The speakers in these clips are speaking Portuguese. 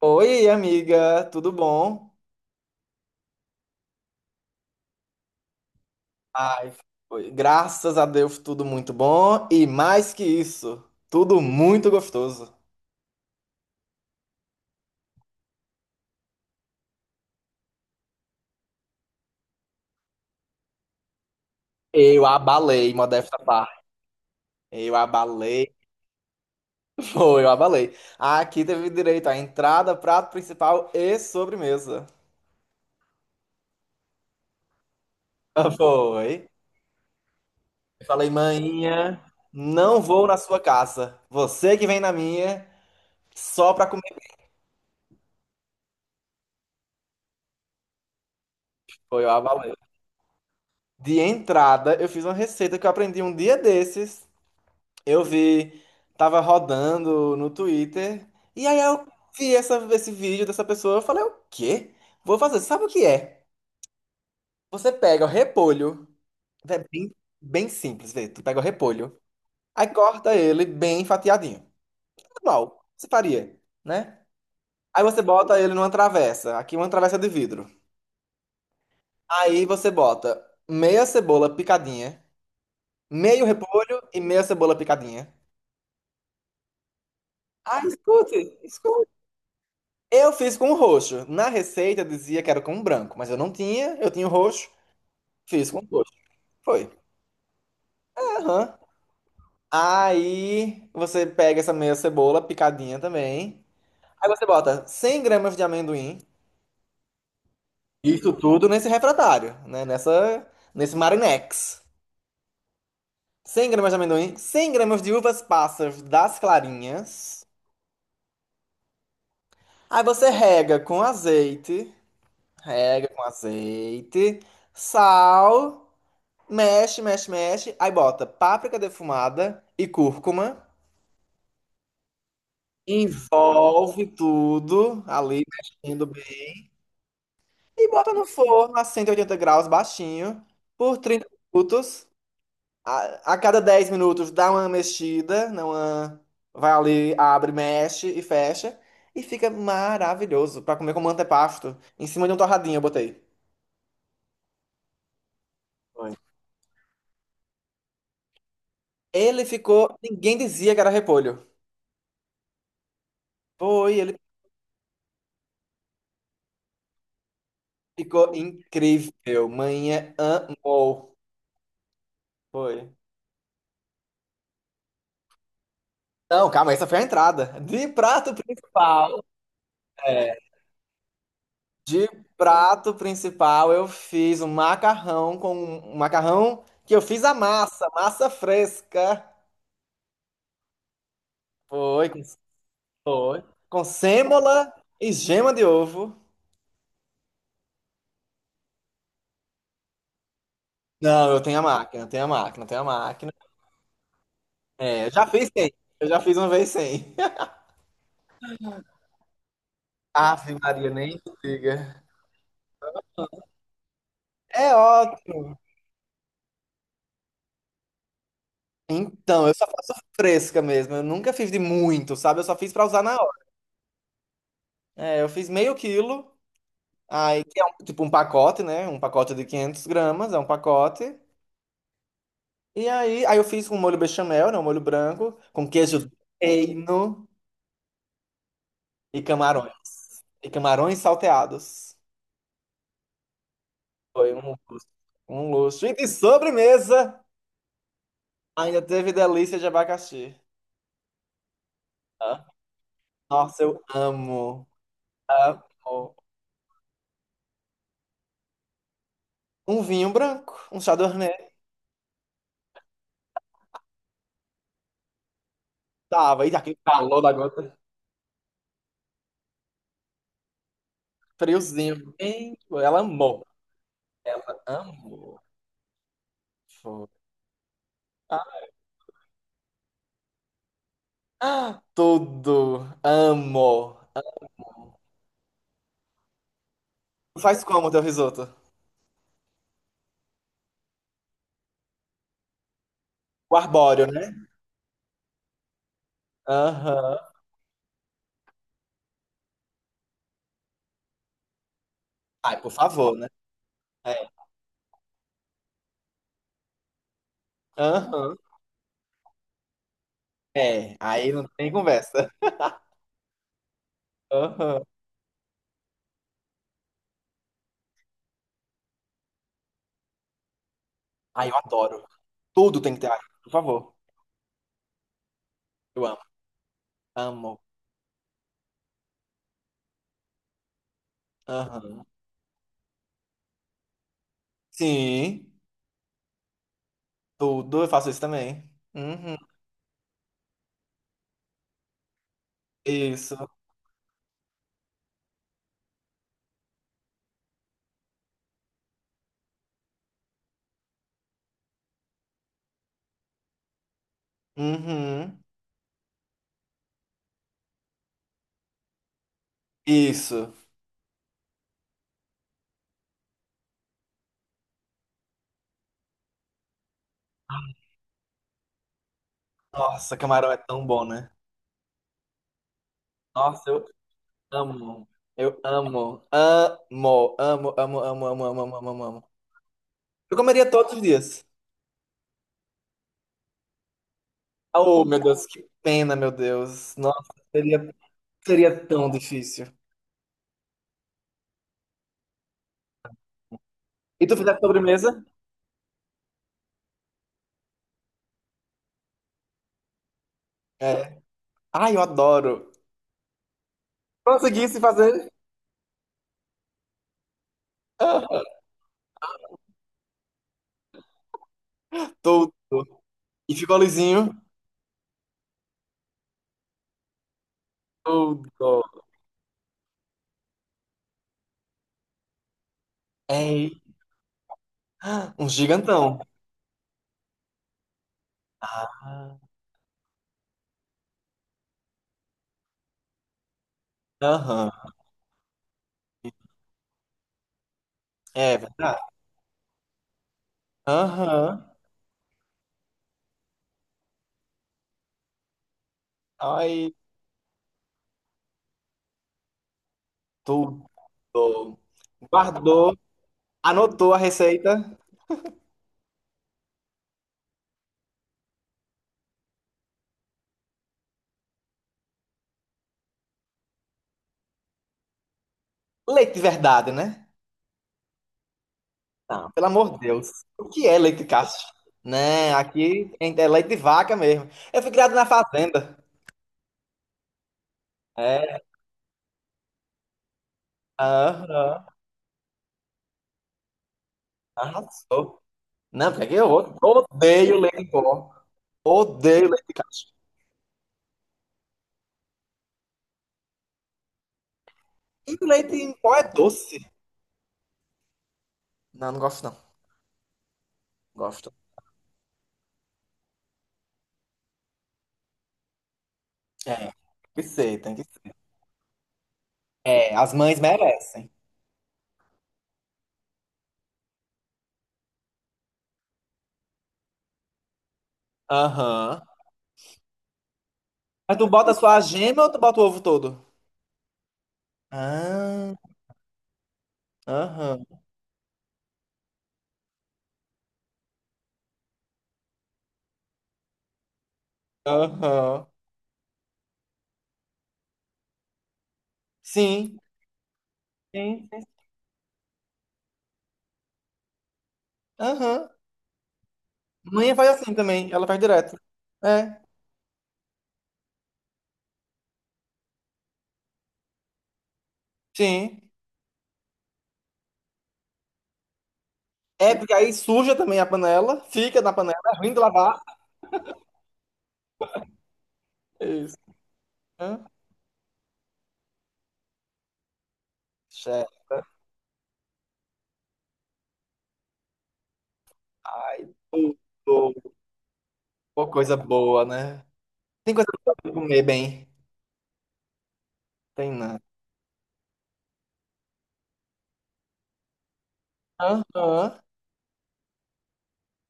Oi, amiga, tudo bom? Ai, foi. Graças a Deus, tudo muito bom. E mais que isso, tudo muito gostoso. Eu abalei, modesta parte. Eu abalei, foi, eu abalei. Aqui teve direito à entrada, prato principal e sobremesa. Foi. Eu Falei, maninha, não vou na sua casa. Você que vem na minha, só pra comer. Foi, eu abalei. De entrada, eu fiz uma receita que eu aprendi um dia desses. Eu vi, tava rodando no Twitter, e aí eu vi essa, esse vídeo dessa pessoa, eu falei, o quê? Vou fazer, sabe o que é? Você pega o repolho, é bem, bem simples, vê, tu pega o repolho, aí corta ele bem fatiadinho, normal, você faria, né? Aí você bota ele numa travessa, aqui uma travessa de vidro. Aí você bota meia cebola picadinha, meio repolho e meia cebola picadinha. Ah, escute, escute. Eu fiz com roxo. Na receita dizia que era com branco, mas eu não tinha, eu tinha o roxo, fiz com roxo. Foi. Aham. Aí você pega essa meia cebola picadinha também. Aí você bota 100 gramas de amendoim. Isso tudo nesse refratário, né? Nessa, nesse Marinex. 100 gramas de amendoim, 100 gramas de uvas passas das clarinhas. Aí você rega com azeite, sal. Mexe, mexe, mexe. Aí bota páprica defumada e cúrcuma. Envolve tudo ali, mexendo bem. E bota no forno a 180 graus, baixinho, por 30 minutos. A cada 10 minutos dá uma mexida, não uma- vai ali, abre, mexe e fecha. E fica maravilhoso pra comer como antepasto. Em cima de um torradinho eu botei. Foi. Ele ficou. Ninguém dizia que era repolho. Foi, ele ficou incrível. Manhã amou. Foi. Não, calma, essa foi a entrada. De prato principal, é, de prato principal eu fiz um macarrão com um macarrão que eu fiz a massa, massa fresca. Foi, com- foi. Com sêmola e gema de ovo. Não, eu tenho a máquina, eu tenho a máquina. É, eu já fiz sem. Eu já fiz uma vez sem. Ave Maria, nem diga. É ótimo. Então, eu só faço fresca mesmo. Eu nunca fiz de muito, sabe? Eu só fiz pra usar na hora. É, eu fiz meio quilo, aí que é um- tipo um pacote, né? Um pacote de 500 gramas, é um pacote. E aí, eu fiz com molho bechamel, né? Um molho branco, com queijo do reino e camarões. E camarões salteados. Foi um luxo. Um luxo. E de sobremesa, ainda teve delícia de abacaxi. Ah, nossa, eu amo. Amo. Um vinho branco, um chardonnay. Tava, e aquele calor da gota. Friozinho. Ei, ela amou. Ela amou. Foi. Ah, ah, tudo. Amo. Faz como teu risoto? O arbóreo, né? Aham. Ai, por favor, né? É. Aham. É. Aí não tem conversa. Aham. Ai, eu adoro. Tudo tem que ter alho, por favor. Eu amo. Amo. Aham. Sim. Tudo. Eu faço isso também. Uhum. Isso. Uhum. Isso. Nossa, camarão é tão bom, né? Nossa, eu amo. Eu amo. Amo, amo, amo, amo, amo, amo, amo, amo, amo. Eu comeria todos os dias. Oh, meu Deus, que pena, meu Deus. Nossa, seria, seria tão difícil. E tu fizesse sobremesa? É. Ai, eu adoro. Conseguisse fazer. Ah, tô... E ficou lisinho. Todo é. Um gigantão. Ah, aham. É verdade. Aham. Ai, tudo. Guardou, anotou a receita. Leite de verdade, né? Não, pelo amor de Deus. O que é leite de cacho? Né, aqui é leite de vaca mesmo. Eu fui criado na fazenda. É, aham, arrasou. Não, porque aqui eu odeio leite em pó. Odeio leite de cacho. E leite em pó é doce. Não, não gosto não. Gosto. É, tem que ser, tem que ser. É, as mães merecem. Aham. Mas tu bota só a gema ou tu bota o ovo todo? Ah, aham, aham. Sim, sim. Aham. Manhã faz assim também, ela faz direto. É, sim. É, porque aí suja também a panela, fica na panela, é ruim de lavar. Isso. Hã? Chefe. Ai, tudo. Pô, coisa boa, né? Tem coisa boa pra comer bem. Tem nada. Aham.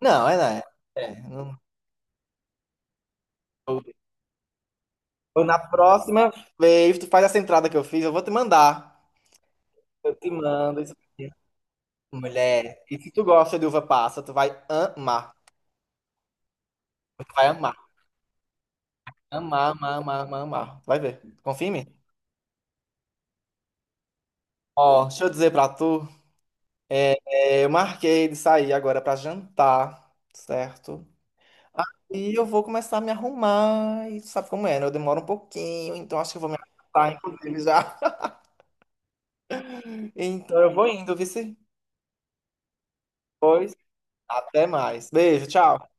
Não, é, né? É, não. Ou na próxima vez, tu faz essa entrada que eu fiz, eu vou te mandar. Eu te mando isso aqui. Mulher, e se tu gosta de uva passa, tu vai amar. Tu vai amar. Amar, amar, amar, amar, amar. Vai ver. Confia em mim. Ó, deixa eu dizer pra tu. é, eu marquei de sair agora pra jantar, certo? Aí eu vou começar a me arrumar. E tu sabe como é, né? Eu demoro um pouquinho, então acho que eu vou me arrumar, inclusive, já. Então eu vou indo, vice. Pois, até mais. Beijo, tchau.